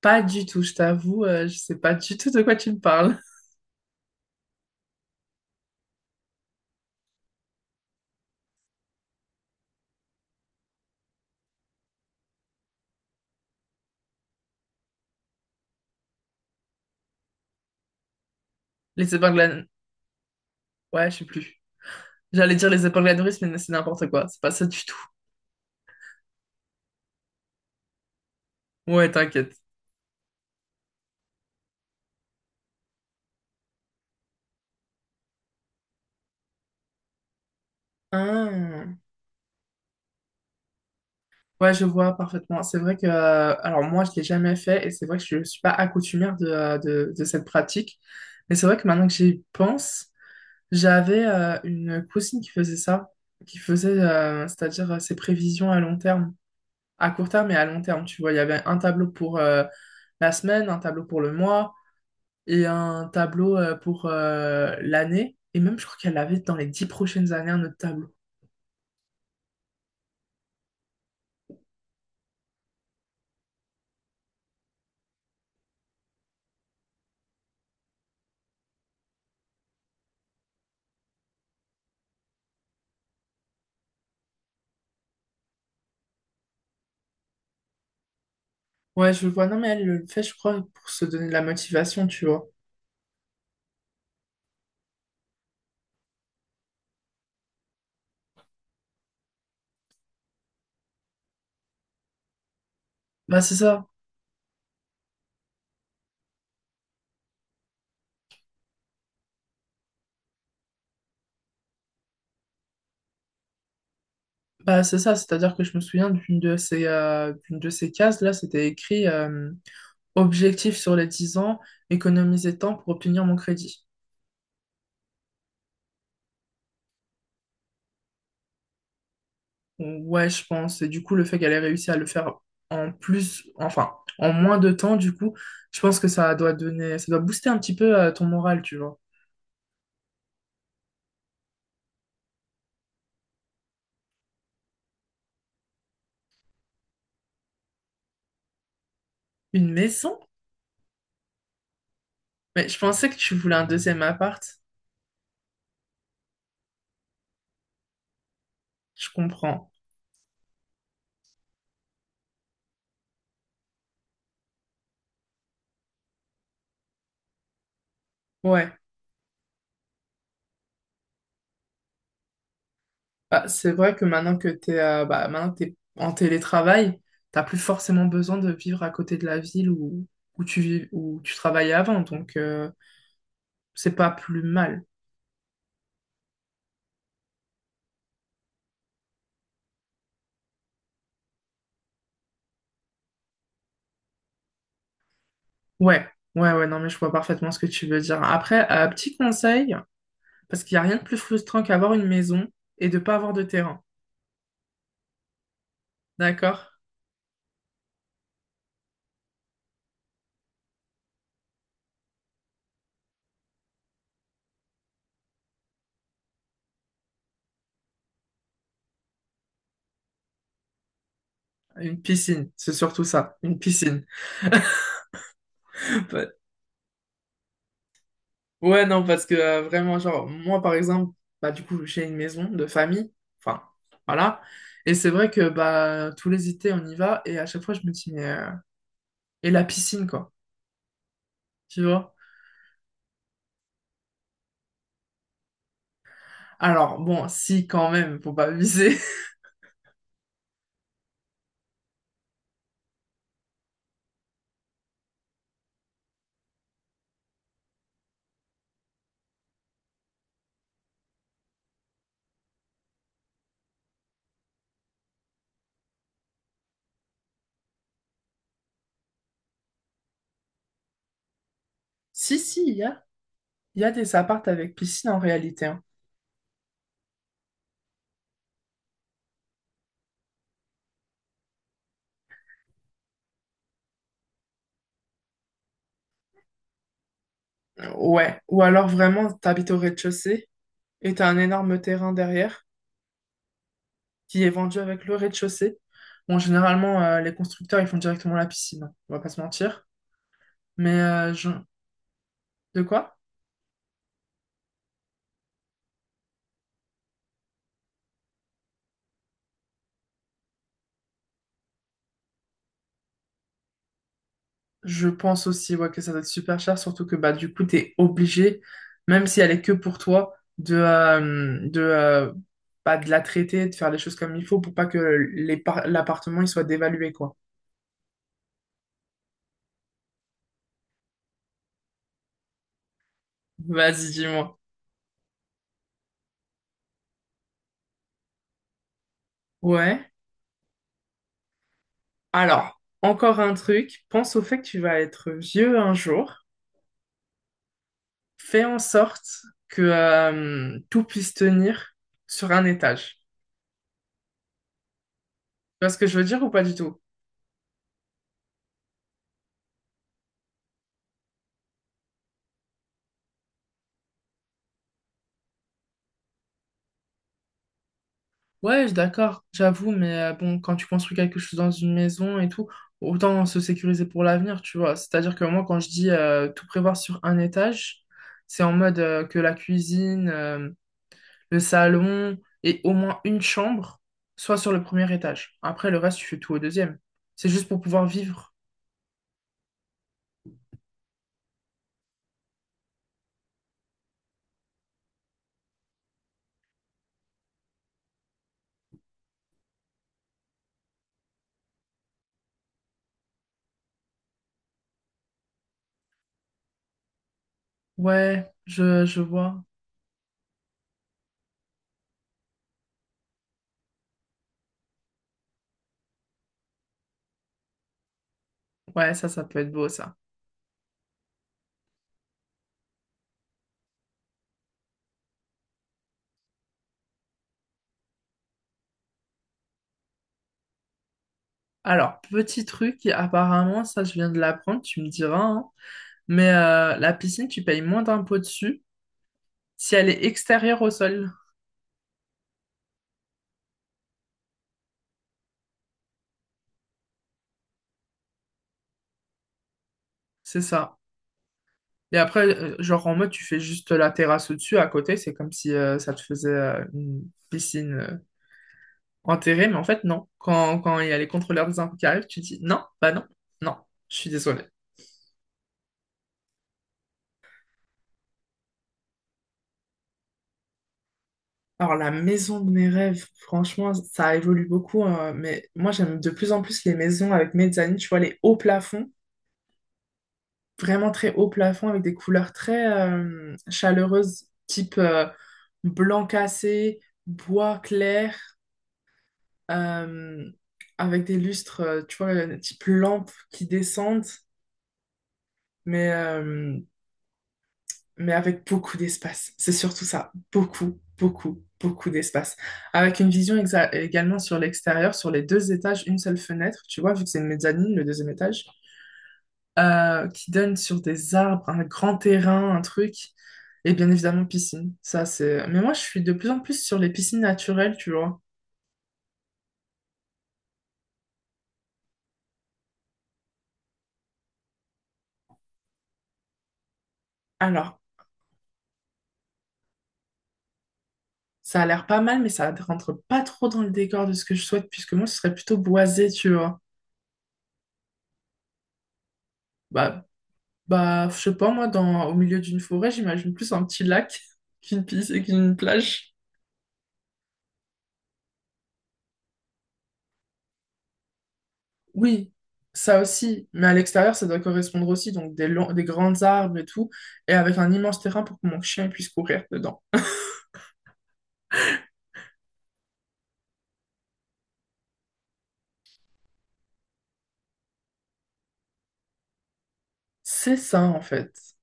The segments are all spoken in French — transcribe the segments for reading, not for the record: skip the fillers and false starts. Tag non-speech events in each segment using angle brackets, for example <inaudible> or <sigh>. Pas du tout, je t'avoue, je sais pas du tout de quoi tu me parles. Les épingles à... Ouais, je sais plus. J'allais dire les épingles à nourrice, mais c'est n'importe quoi. C'est pas ça du tout. Ouais, t'inquiète. Ah. Ouais, je vois parfaitement. C'est vrai que... Alors moi, je l'ai jamais fait et c'est vrai que je suis pas accoutumère de cette pratique. Mais c'est vrai que maintenant que j'y pense, j'avais une cousine qui faisait ça, qui faisait, c'est-à-dire ses prévisions à long terme. À court terme et à long terme, tu vois. Il y avait un tableau pour... la semaine, un tableau pour le mois, et un tableau pour l'année. Et même, je crois qu'elle avait dans les 10 prochaines années un autre tableau. Ouais, je vois. Non, mais elle le fait, je crois, pour se donner de la motivation, tu vois. Bah, c'est ça. Bah, c'est ça, c'est-à-dire que je me souviens d'une de ces cases-là, c'était écrit objectif sur les 10 ans, économiser temps pour obtenir mon crédit. Ouais, je pense. Et du coup, le fait qu'elle ait réussi à le faire en plus, enfin, en moins de temps, du coup, je pense que ça doit donner, ça doit booster un petit peu ton moral, tu vois. Une maison? Mais je pensais que tu voulais un deuxième appart. Je comprends. Ouais. Bah, c'est vrai que maintenant que maintenant que t'es en télétravail, t'as plus forcément besoin de vivre à côté de la ville où, où tu vis, où tu travaillais avant, c'est pas plus mal. Ouais, ouais, ouais, non mais je vois parfaitement ce que tu veux dire. Après, petit conseil, parce qu'il n'y a rien de plus frustrant qu'avoir une maison et de pas avoir de terrain, d'accord? Une piscine, c'est surtout ça, une piscine. <laughs> Ouais, non, parce que vraiment, genre, moi, par exemple, bah, du coup, j'ai une maison de famille, enfin, voilà. Et c'est vrai que, bah, tous les étés, on y va, et à chaque fois, je me dis, mais, et la piscine, quoi, tu vois? Alors, bon, si, quand même, faut pas abuser. <laughs> Si, il y a des appartes avec piscine, en réalité, hein. Ouais, ou alors, vraiment, t'habites au rez-de-chaussée, et t'as un énorme terrain derrière, qui est vendu avec le rez-de-chaussée. Bon, généralement, les constructeurs, ils font directement la piscine, hein, on va pas se mentir. Mais euh, je- De quoi? Je pense aussi ouais, que ça doit être super cher, surtout que bah du coup t'es obligé, même si elle est que pour toi, de bah, de la traiter, de faire les choses comme il faut pour pas que l'appartement il soit dévalué quoi. Vas-y, dis-moi. Ouais. Alors, encore un truc, pense au fait que tu vas être vieux un jour. Fais en sorte que tout puisse tenir sur un étage. Tu vois ce que je veux dire ou pas du tout? Ouais, je suis d'accord, j'avoue, mais bon, quand tu construis quelque chose dans une maison et tout, autant se sécuriser pour l'avenir, tu vois. C'est-à-dire que moi, quand je dis tout prévoir sur un étage, c'est en mode que la cuisine, le salon et au moins une chambre soit sur le premier étage. Après, le reste, tu fais tout au deuxième. C'est juste pour pouvoir vivre. Ouais, je vois. Ouais, ça peut être beau, ça. Alors, petit truc, qui, apparemment, ça, je viens de l'apprendre, tu me diras, hein, mais la piscine, tu payes moins d'impôts dessus. Si elle est extérieure au sol, c'est ça. Et après, genre en mode, tu fais juste la terrasse au-dessus, à côté, c'est comme si ça te faisait une piscine enterrée, mais en fait, non. Quand il y a les contrôleurs des impôts qui arrivent, tu dis non, bah non, non, je suis désolé. Alors, la maison de mes rêves, franchement, ça évolue beaucoup, mais moi, j'aime de plus en plus les maisons avec mezzanine, tu vois, les hauts plafonds, vraiment très hauts plafonds avec des couleurs très chaleureuses, type blanc cassé, bois clair. euh, Avec des lustres, tu vois, type lampes qui descendent, mais, euh, mais avec beaucoup d'espace. C'est surtout ça, beaucoup, beaucoup, beaucoup d'espace. Avec une également sur l'extérieur, sur les deux étages, une seule fenêtre, tu vois, vu que c'est une mezzanine, le deuxième étage, qui donne sur des arbres, un grand terrain, un truc. Et bien évidemment, piscine. Ça, c'est... Mais moi, je suis de plus en plus sur les piscines naturelles, tu vois. Alors, ça a l'air pas mal, mais ça rentre pas trop dans le décor de ce que je souhaite, puisque moi, ce serait plutôt boisé, tu vois. Bah, bah, je sais pas, moi, au milieu d'une forêt, j'imagine plus un petit lac <laughs> qu'une piste et qu'une plage. Oui, ça aussi, mais à l'extérieur, ça doit correspondre aussi, donc des longs, des grands arbres et tout, et avec un immense terrain pour que mon chien puisse courir dedans. C'est ça, en fait.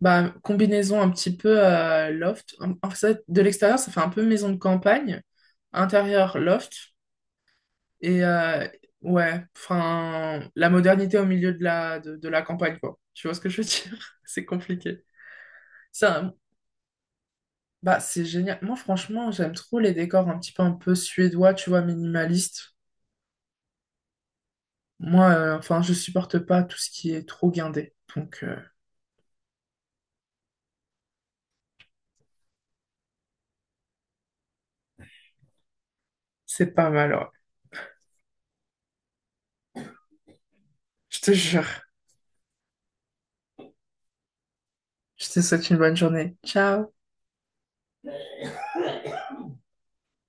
Bah, combinaison un petit peu loft. En fait, de l'extérieur, ça fait un peu maison de campagne. Intérieur, loft. Et euh, ouais, enfin, la modernité au milieu de de la campagne, quoi. Tu vois ce que je veux dire? <laughs> C'est compliqué. Ça, bah, c'est génial. Moi, franchement, j'aime trop les décors un petit peu suédois, tu vois, minimaliste. Moi, enfin, je supporte pas tout ce qui est trop guindé. C'est pas mal, ouais. Je te jure. Je te souhaite une bonne journée. Ciao!